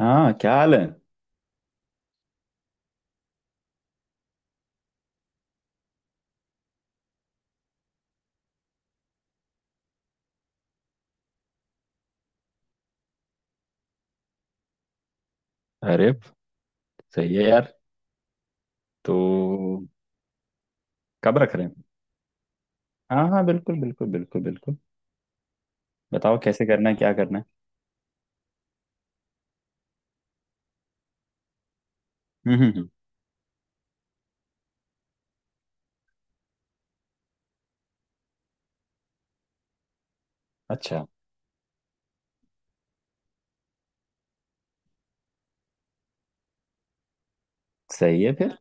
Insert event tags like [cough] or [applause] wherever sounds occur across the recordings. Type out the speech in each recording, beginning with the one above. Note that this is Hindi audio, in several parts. हाँ, क्या हाल है? अरे, सही है यार। तो कब रख रहे हैं? हाँ हाँ, बिल्कुल बिल्कुल बिल्कुल बिल्कुल। बताओ, कैसे करना है, क्या करना है? हम्म। अच्छा, सही है फिर।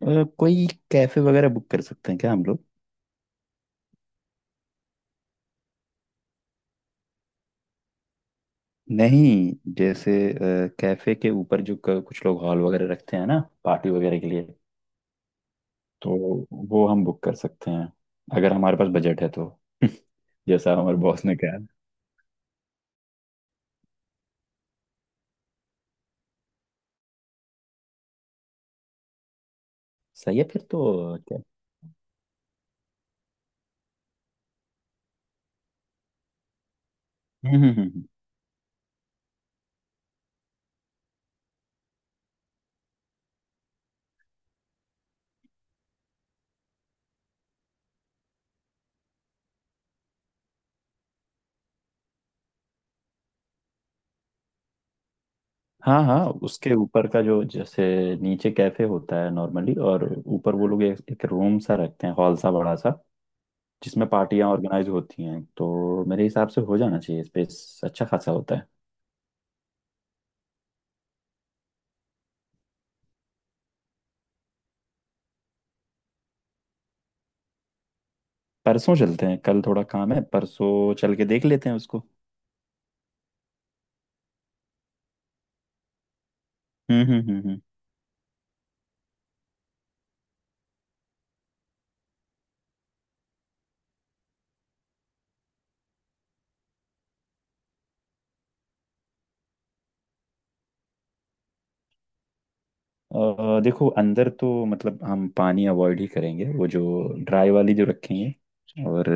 कोई कैफे वगैरह बुक कर सकते हैं क्या हम लोग? नहीं, जैसे कैफे के ऊपर जो कुछ लोग हॉल वगैरह रखते हैं ना पार्टी वगैरह के लिए, तो वो हम बुक कर सकते हैं अगर हमारे पास बजट है तो। [laughs] जैसा हमारे बॉस ने कहा। सही है फिर तो क्या। हम्म। हाँ हाँ, उसके ऊपर का जो जैसे नीचे कैफे होता है नॉर्मली, और ऊपर वो लोग एक रूम सा रखते हैं, हॉल सा बड़ा सा, जिसमें पार्टियां ऑर्गेनाइज होती हैं। तो मेरे हिसाब से हो जाना चाहिए, स्पेस अच्छा खासा होता है। परसों चलते हैं, कल थोड़ा काम है, परसों चल के देख लेते हैं उसको। हम्म हम्म हम्म हम्म। देखो, अंदर तो मतलब हम पानी अवॉइड ही करेंगे, वो जो ड्राई वाली जो रखेंगे, और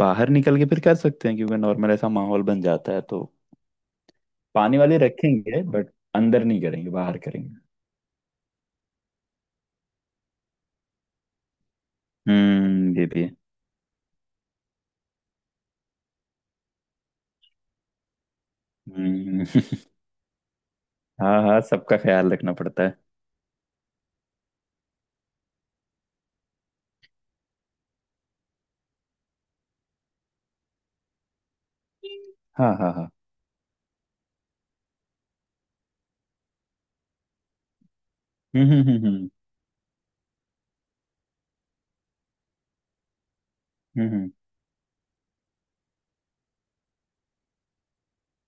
बाहर निकल के फिर कर सकते हैं, क्योंकि नॉर्मल ऐसा माहौल बन जाता है तो पानी वाले रखेंगे, बट अंदर नहीं करेंगे, बाहर करेंगे। हम्म, ये भी है। हम्म। [laughs] हाँ हाँ, सबका ख्याल रखना पड़ता है। हाँ हाँ हाँ। हम्म हम्म हम्म हम्म हम्म, हम्म।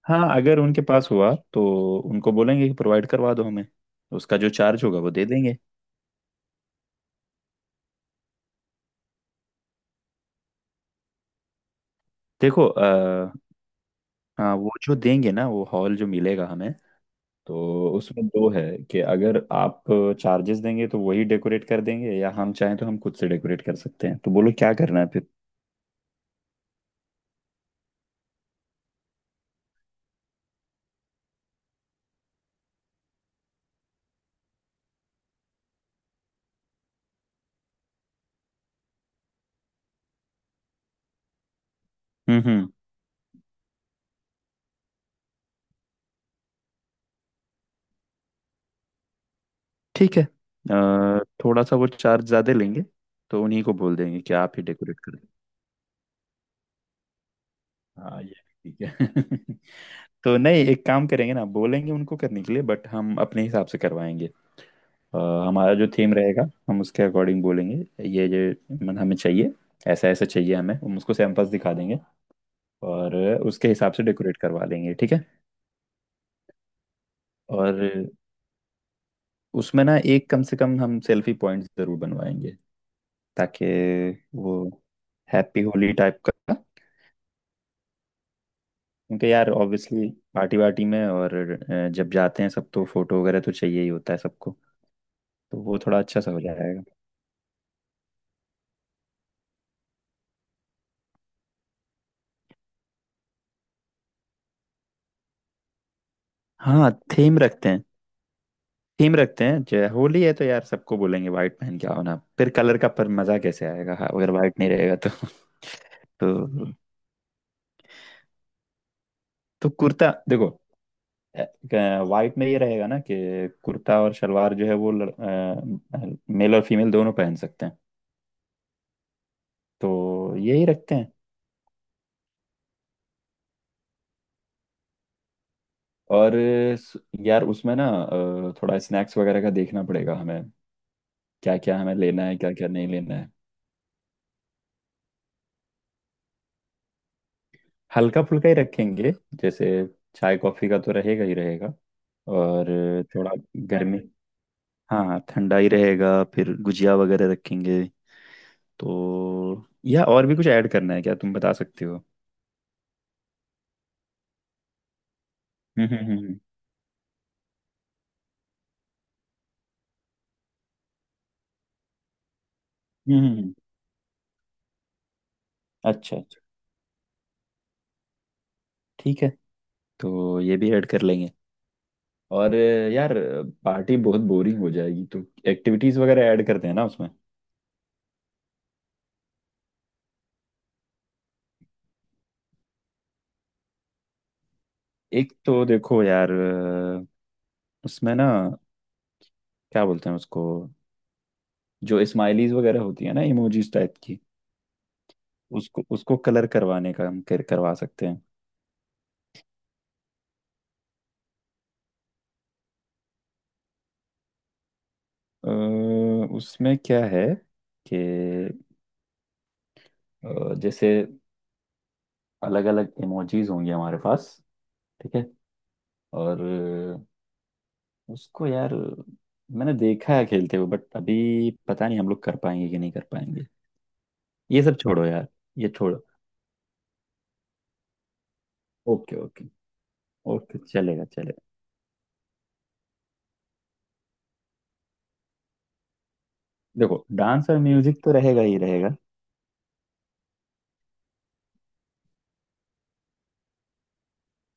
हाँ, अगर उनके पास हुआ तो उनको बोलेंगे कि प्रोवाइड करवा दो हमें, उसका जो चार्ज होगा वो दे देंगे। देखो हाँ, वो जो देंगे ना, वो हॉल जो मिलेगा हमें, तो उसमें दो है कि अगर आप चार्जेस देंगे तो वही डेकोरेट कर देंगे, या हम चाहें तो हम खुद से डेकोरेट कर सकते हैं। तो बोलो क्या करना है फिर। हम्म, ठीक है। थोड़ा सा वो चार्ज ज्यादा लेंगे, तो उन्हीं को बोल देंगे कि आप ही डेकोरेट करें। हाँ, ये भी ठीक है। [laughs] तो नहीं, एक काम करेंगे ना, बोलेंगे उनको करने के लिए बट हम अपने हिसाब से करवाएंगे। अ, हमारा जो थीम रहेगा हम उसके अकॉर्डिंग बोलेंगे, ये मन हमें चाहिए, ऐसा ऐसा चाहिए हमें, हम उसको सैंपल्स दिखा देंगे, और उसके हिसाब से डेकोरेट करवा लेंगे, ठीक है। और उसमें ना एक कम से कम हम सेल्फी पॉइंट जरूर बनवाएंगे, ताकि वो हैप्पी होली टाइप का। क्योंकि यार ऑब्वियसली पार्टी वार्टी में और जब जाते हैं सब, तो फोटो वगैरह तो चाहिए ही होता है सबको, तो वो थोड़ा अच्छा सा हो जाएगा। हाँ, थीम रखते हैं। थीम रखते हैं जय होली है, तो यार सबको बोलेंगे व्हाइट पहन के आओ ना, फिर कलर का पर मजा कैसे आएगा, हाँ, अगर व्हाइट नहीं रहेगा तो। [laughs] तो तो कुर्ता देखो, व्हाइट में ये रहेगा ना कि कुर्ता और शलवार जो है वो मेल और फीमेल दोनों पहन सकते हैं, तो यही रखते हैं। और स- यार उसमें ना थोड़ा स्नैक्स वगैरह का देखना पड़ेगा हमें, क्या क्या हमें लेना है, क्या क्या नहीं लेना है। हल्का फुल्का ही रखेंगे, जैसे चाय कॉफी का तो रहेगा ही रहेगा, और थोड़ा गर्मी। हाँ हाँ, ठंडा ही रहेगा, फिर गुजिया वगैरह रखेंगे, तो या और भी कुछ ऐड करना है क्या तुम बता सकते हो? हम्म हम्म हम्म हम्म। अच्छा अच्छा, ठीक है, तो ये भी ऐड कर लेंगे। और यार पार्टी बहुत बोरिंग हो जाएगी, तो एक्टिविटीज वगैरह ऐड करते हैं ना उसमें। एक तो देखो यार, उसमें ना, क्या बोलते हैं उसको, जो स्माइलीज वगैरह होती है ना, इमोजीज टाइप की, उसको उसको कलर करवाने का हम करवा सकते हैं। उसमें क्या है कि जैसे अलग अलग इमोजीज होंगे हमारे पास, ठीक है, और उसको यार मैंने देखा है खेलते हुए, बट अभी पता नहीं हम लोग कर पाएंगे कि नहीं कर पाएंगे। ये सब छोड़ो यार, ये छोड़ो। Okay okay. ओके, चलेगा चलेगा। देखो, डांस और म्यूजिक तो रहेगा ही रहेगा।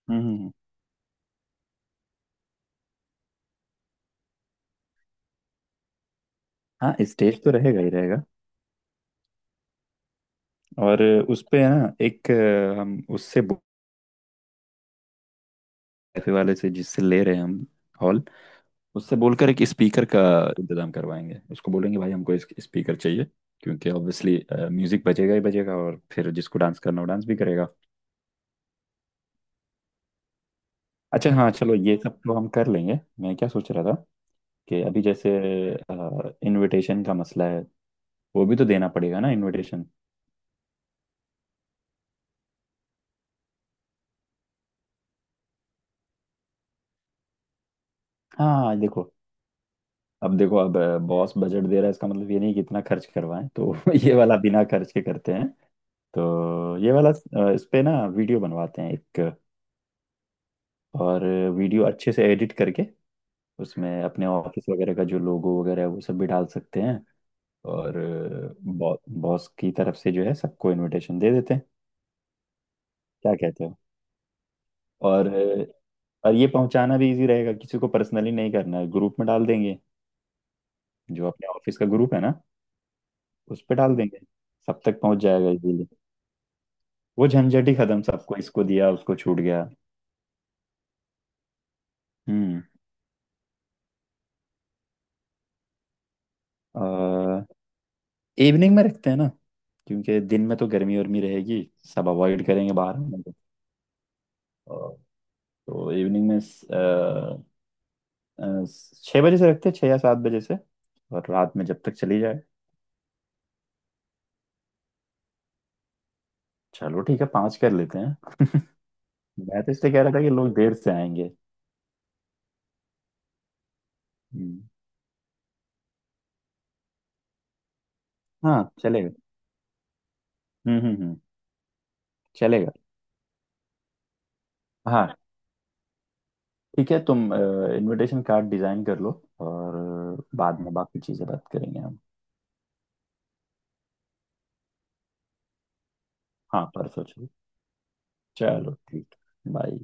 हम्म हम्म, हम्म। हाँ, स्टेज तो रहेगा ही रहेगा। और उस पे है ना एक हम उससे कैफे वाले से, जिससे ले रहे हैं हम हॉल, उससे बोलकर एक स्पीकर का इंतजाम करवाएंगे, उसको बोलेंगे भाई हमको स्पीकर चाहिए, क्योंकि ऑब्वियसली म्यूजिक बजेगा ही बजेगा, और फिर जिसको डांस करना हो डांस भी करेगा। अच्छा हाँ चलो, ये सब तो हम कर लेंगे। मैं क्या सोच रहा था कि अभी जैसे इनविटेशन का मसला है, वो भी तो देना पड़ेगा ना इनविटेशन। हाँ, देखो अब बॉस बजट दे रहा है इसका मतलब ये नहीं कि इतना खर्च करवाएं, तो [laughs] ये वाला बिना खर्च के करते हैं। तो ये वाला इस पे ना वीडियो बनवाते हैं एक, और वीडियो अच्छे से एडिट करके उसमें अपने ऑफिस वगैरह का जो लोगो वगैरह है वो सब भी डाल सकते हैं, और बॉस बॉस की तरफ से जो है सबको इनविटेशन दे देते हैं। क्या कहते हो? और और ये पहुंचाना भी इजी रहेगा, किसी को पर्सनली नहीं करना है, ग्रुप में डाल देंगे, जो अपने ऑफिस का ग्रुप है ना, उस पे डाल देंगे, सब तक पहुंच जाएगा इजीली, वो झंझट ही खत्म, सबको इसको दिया उसको छूट गया। हम्म। आ, इवनिंग में रखते हैं ना, क्योंकि दिन में तो गर्मी उर्मी रहेगी, सब अवॉइड करेंगे बाहर आने को। अ, तो इवनिंग में अ, छः बजे से रखते हैं, छः या सात बजे से, और रात में जब तक चली जाए। चलो ठीक है, पाँच कर लेते हैं। मैं तो इसलिए कह रहा था कि लोग देर से आएंगे। हम्म, हाँ, चलेगा। हम्म। चलेगा। हाँ ठीक है, तुम इनविटेशन कार्ड डिजाइन कर लो, और बाद में बाकी चीज़ें बात करेंगे हम। हाँ, परसों चलो। चलो ठीक। बाय।